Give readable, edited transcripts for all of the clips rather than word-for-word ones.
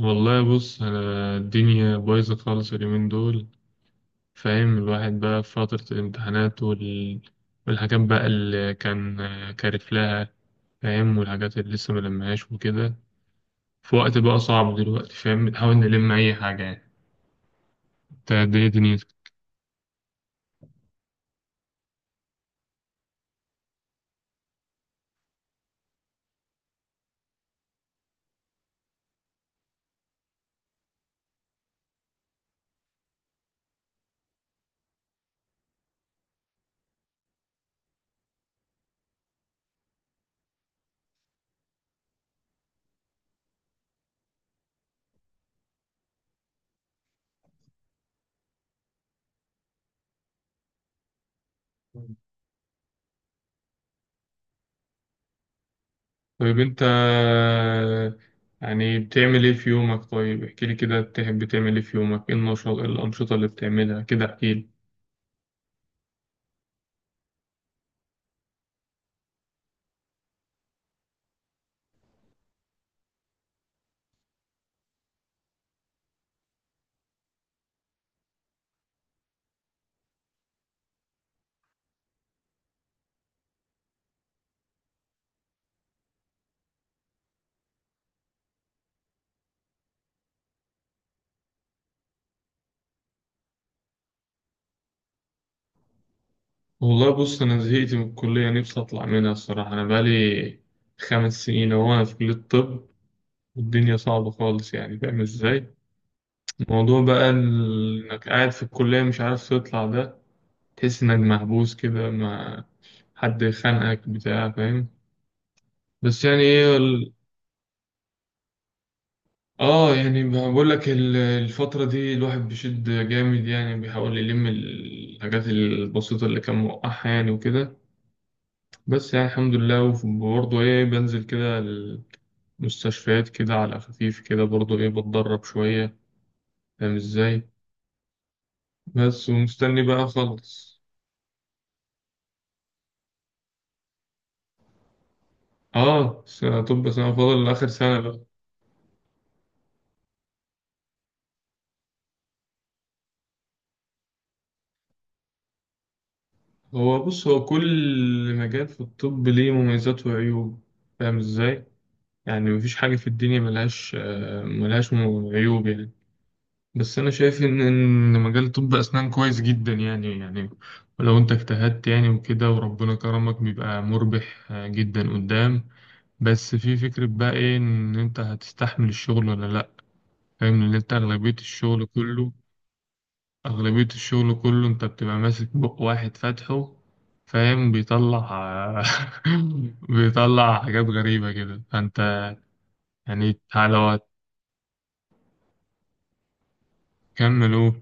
والله بص، أنا الدنيا بايظة خالص اليومين دول فاهم. الواحد بقى في فترة الامتحانات والحاجات بقى اللي كان كارف لها فاهم، والحاجات اللي لسه ملمهاش وكده، في وقت بقى صعب دلوقتي فاهم، بنحاول نلم أي حاجة يعني. انت الدنيا دنيتك. طيب انت، يعني بتعمل ايه في يومك؟ طيب احكيلي كده، بتحب تعمل ايه في يومك؟ ايه النشاط، ايه الأنشطة اللي بتعملها كده؟ احكيلي. والله بص، أنا زهقت من الكلية نفسي أطلع منها الصراحة. أنا بقالي 5 سنين أهو أنا في كلية الطب، والدنيا صعبة خالص يعني، فاهم إزاي؟ الموضوع بقى إنك قاعد في الكلية مش عارف تطلع ده. تحس إنك محبوس كده، ما حد خانقك بتاع، فاهم؟ بس يعني إيه آه يعني، بقول لك الفترة دي الواحد بيشد جامد يعني، بيحاول يلم الحاجات البسيطة اللي كان موقعها يعني وكده. بس يعني الحمد لله، وبرضه إيه بنزل كده مستشفيات كده على خفيف، كده برضو ايه بتدرب شوية فاهم ازاي. بس ومستني بقى اخلص. اه سنة طب، سنة فاضل لآخر سنة بقى. هو بص، هو كل مجال في الطب ليه مميزات وعيوب فاهم ازاي. يعني مفيش حاجة في الدنيا ملهاش، ملهاش عيوب يعني. بس انا شايف ان إن مجال طب اسنان كويس جدا يعني. ولو انت اجتهدت يعني وكده وربنا كرمك، بيبقى مربح جدا قدام. بس في فكرة بقى إيه، إن أنت هتستحمل الشغل ولا لأ. فاهم إن أنت أغلبية الشغل كله، أغلبية الشغل كله أنت بتبقى ماسك بق واحد فاتحه فاهم، بيطلع بيطلع حاجات غريبة كده، فأنت يعني لو هتكمل أهو.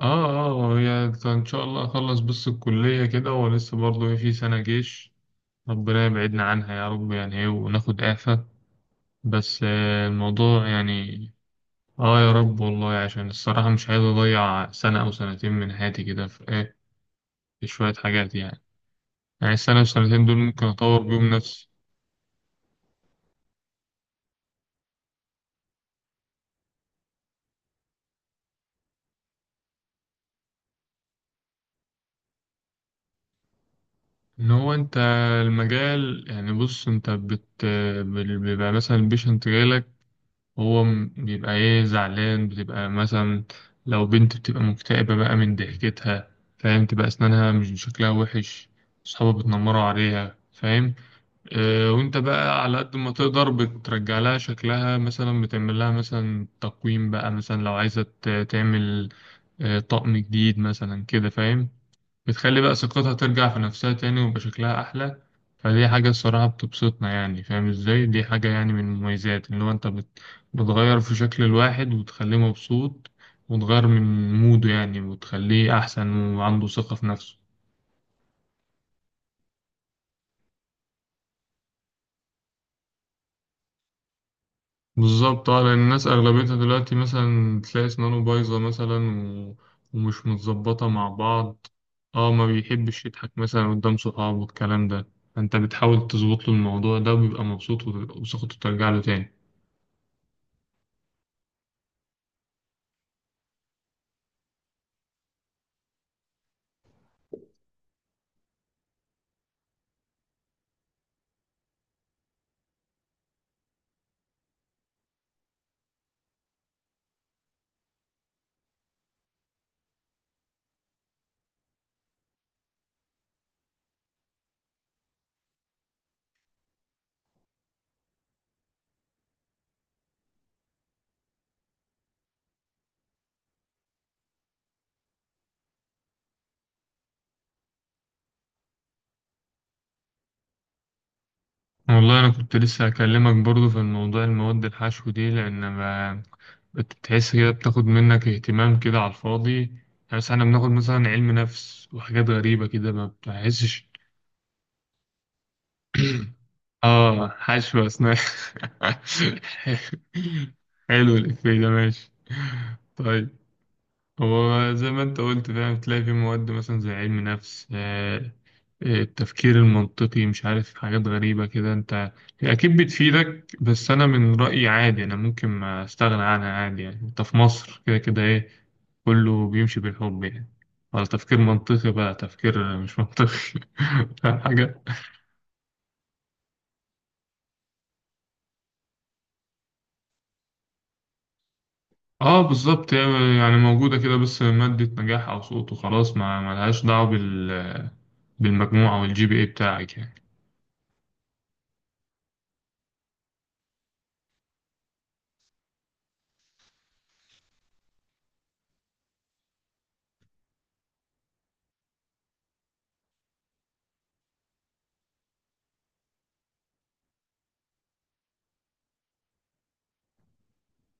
آه، آه، هي إن شاء الله أخلص بس الكلية كده، ولسه برضه إيه في سنة جيش ربنا يبعدنا عنها يا رب، يعني إيه، وناخد إعفاء. بس الموضوع يعني. اه يا رب، والله عشان الصراحة مش عايز أضيع سنة أو سنتين من حياتي كده في إيه، في شوية حاجات يعني. يعني السنة والسنتين دول ممكن أطور بيهم نفسي. إن هو أنت المجال يعني، بص أنت بيبقى مثلا البيشنت جايلك. هو بيبقى إيه زعلان، بتبقى مثلا لو بنت بتبقى مكتئبة بقى من ضحكتها فاهم، تبقى أسنانها مش شكلها وحش، أصحابها بتنمروا عليها فاهم. وانت بقى على قد ما تقدر بترجع لها شكلها، مثلا بتعمل لها مثلا تقويم بقى، مثلا لو عايزة تعمل طقم جديد مثلا كده فاهم. بتخلي بقى ثقتها ترجع في نفسها تاني ويبقى شكلها أحلى. فدي حاجة الصراحة بتبسطنا يعني، فاهم ازاي، دي حاجة يعني من المميزات اللي هو انت بتغير في شكل الواحد وتخليه مبسوط، وتغير من موده يعني وتخليه أحسن وعنده ثقة في نفسه. بالظبط، اه لان الناس اغلبيتها دلوقتي مثلا تلاقي اسنانه بايظه مثلا ومش متظبطه مع بعض. اه، ما بيحبش يضحك مثلا قدام صحابه والكلام ده. انت بتحاول تظبط له الموضوع ده وبيبقى مبسوط وثقته ترجع له تاني. والله انا كنت لسه هكلمك برضو في الموضوع، المواد الحشو دي، لان ما بتحس كده بتاخد منك اهتمام كده على الفاضي يعني. مثلا احنا بناخد مثلا علم نفس وحاجات غريبه كده ما بتحسش. اه، حشو اسنان. حلو الإفيه ده، ماشي. طيب هو زي ما انت قلت فاهم، تلاقي في مواد مثلا زي علم نفس، التفكير المنطقي، مش عارف، حاجات غريبة كده انت. هي أكيد بتفيدك، بس أنا من رأيي عادي، أنا ممكن ما أستغنى عنها عادي يعني. انت في مصر كده كده إيه، كله بيمشي بالحب يعني، ولا تفكير منطقي بقى تفكير مش منطقي. فاهم حاجة. اه بالظبط، هي يعني موجودة كده، بس مادة نجاح أو سقوط وخلاص، ما ملهاش دعوة بالمجموعة والجي بي اي بتاعك يعني.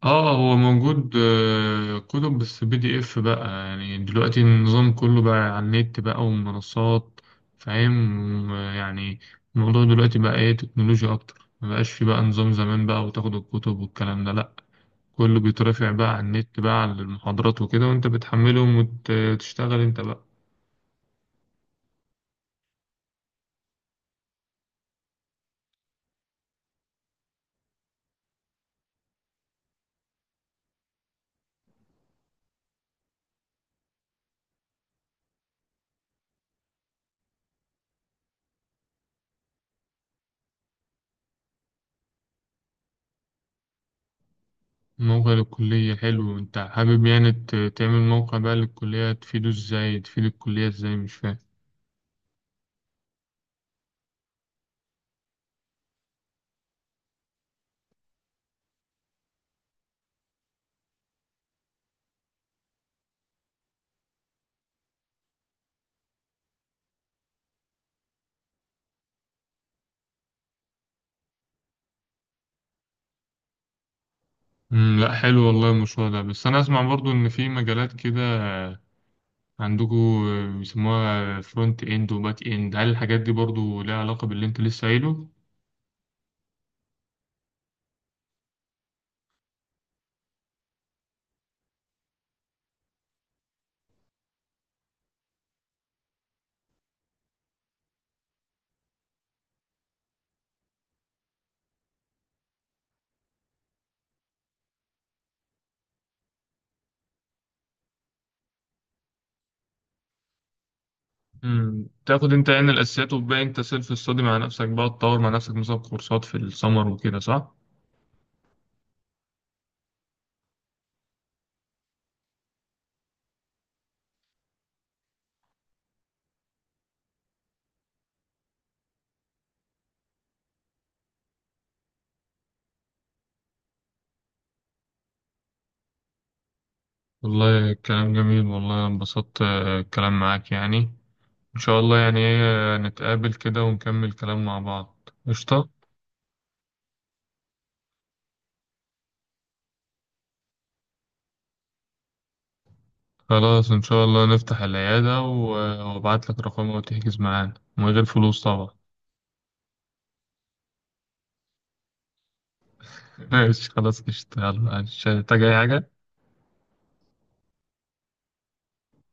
اه هو موجود، كتب بس PDF بقى، يعني دلوقتي النظام كله بقى على النت بقى ومنصات فاهم يعني. الموضوع دلوقتي بقى ايه، تكنولوجيا أكتر، مبقاش في بقى نظام زمان بقى وتاخد الكتب والكلام ده، لأ، كله بيترفع بقى على النت بقى على المحاضرات وكده، وانت بتحملهم وتشتغل انت بقى. موقع للكلية، حلو. أنت حابب يعني تعمل موقع بقى للكلية، تفيده إزاي، تفيد الكلية إزاي؟ مش فاهم. مم، لأ حلو والله المشروع ده، بس أنا أسمع برضو إن في مجالات كده عندكو بيسموها فرونت إند وباك إند، هل الحاجات دي برضو ليها علاقة باللي أنت لسه قايله؟ تاخد أنت يعني الأساسيات وتبقى أنت سيلف ستادي مع نفسك بقى، تطور مع نفسك مثلا كورسات في السمر وكده، صح؟ والله كلام جميل، والله أنا انبسطت الكلام معاك يعني. إن شاء الله يعني إيه نتقابل كده ونكمل كلام مع بعض، قشطة. خلاص إن شاء الله نفتح العيادة وأبعت لك رقمها وتحجز معانا من غير فلوس طبعا. ماشي خلاص قشطة، يلا مش هتحتاج أي حاجة.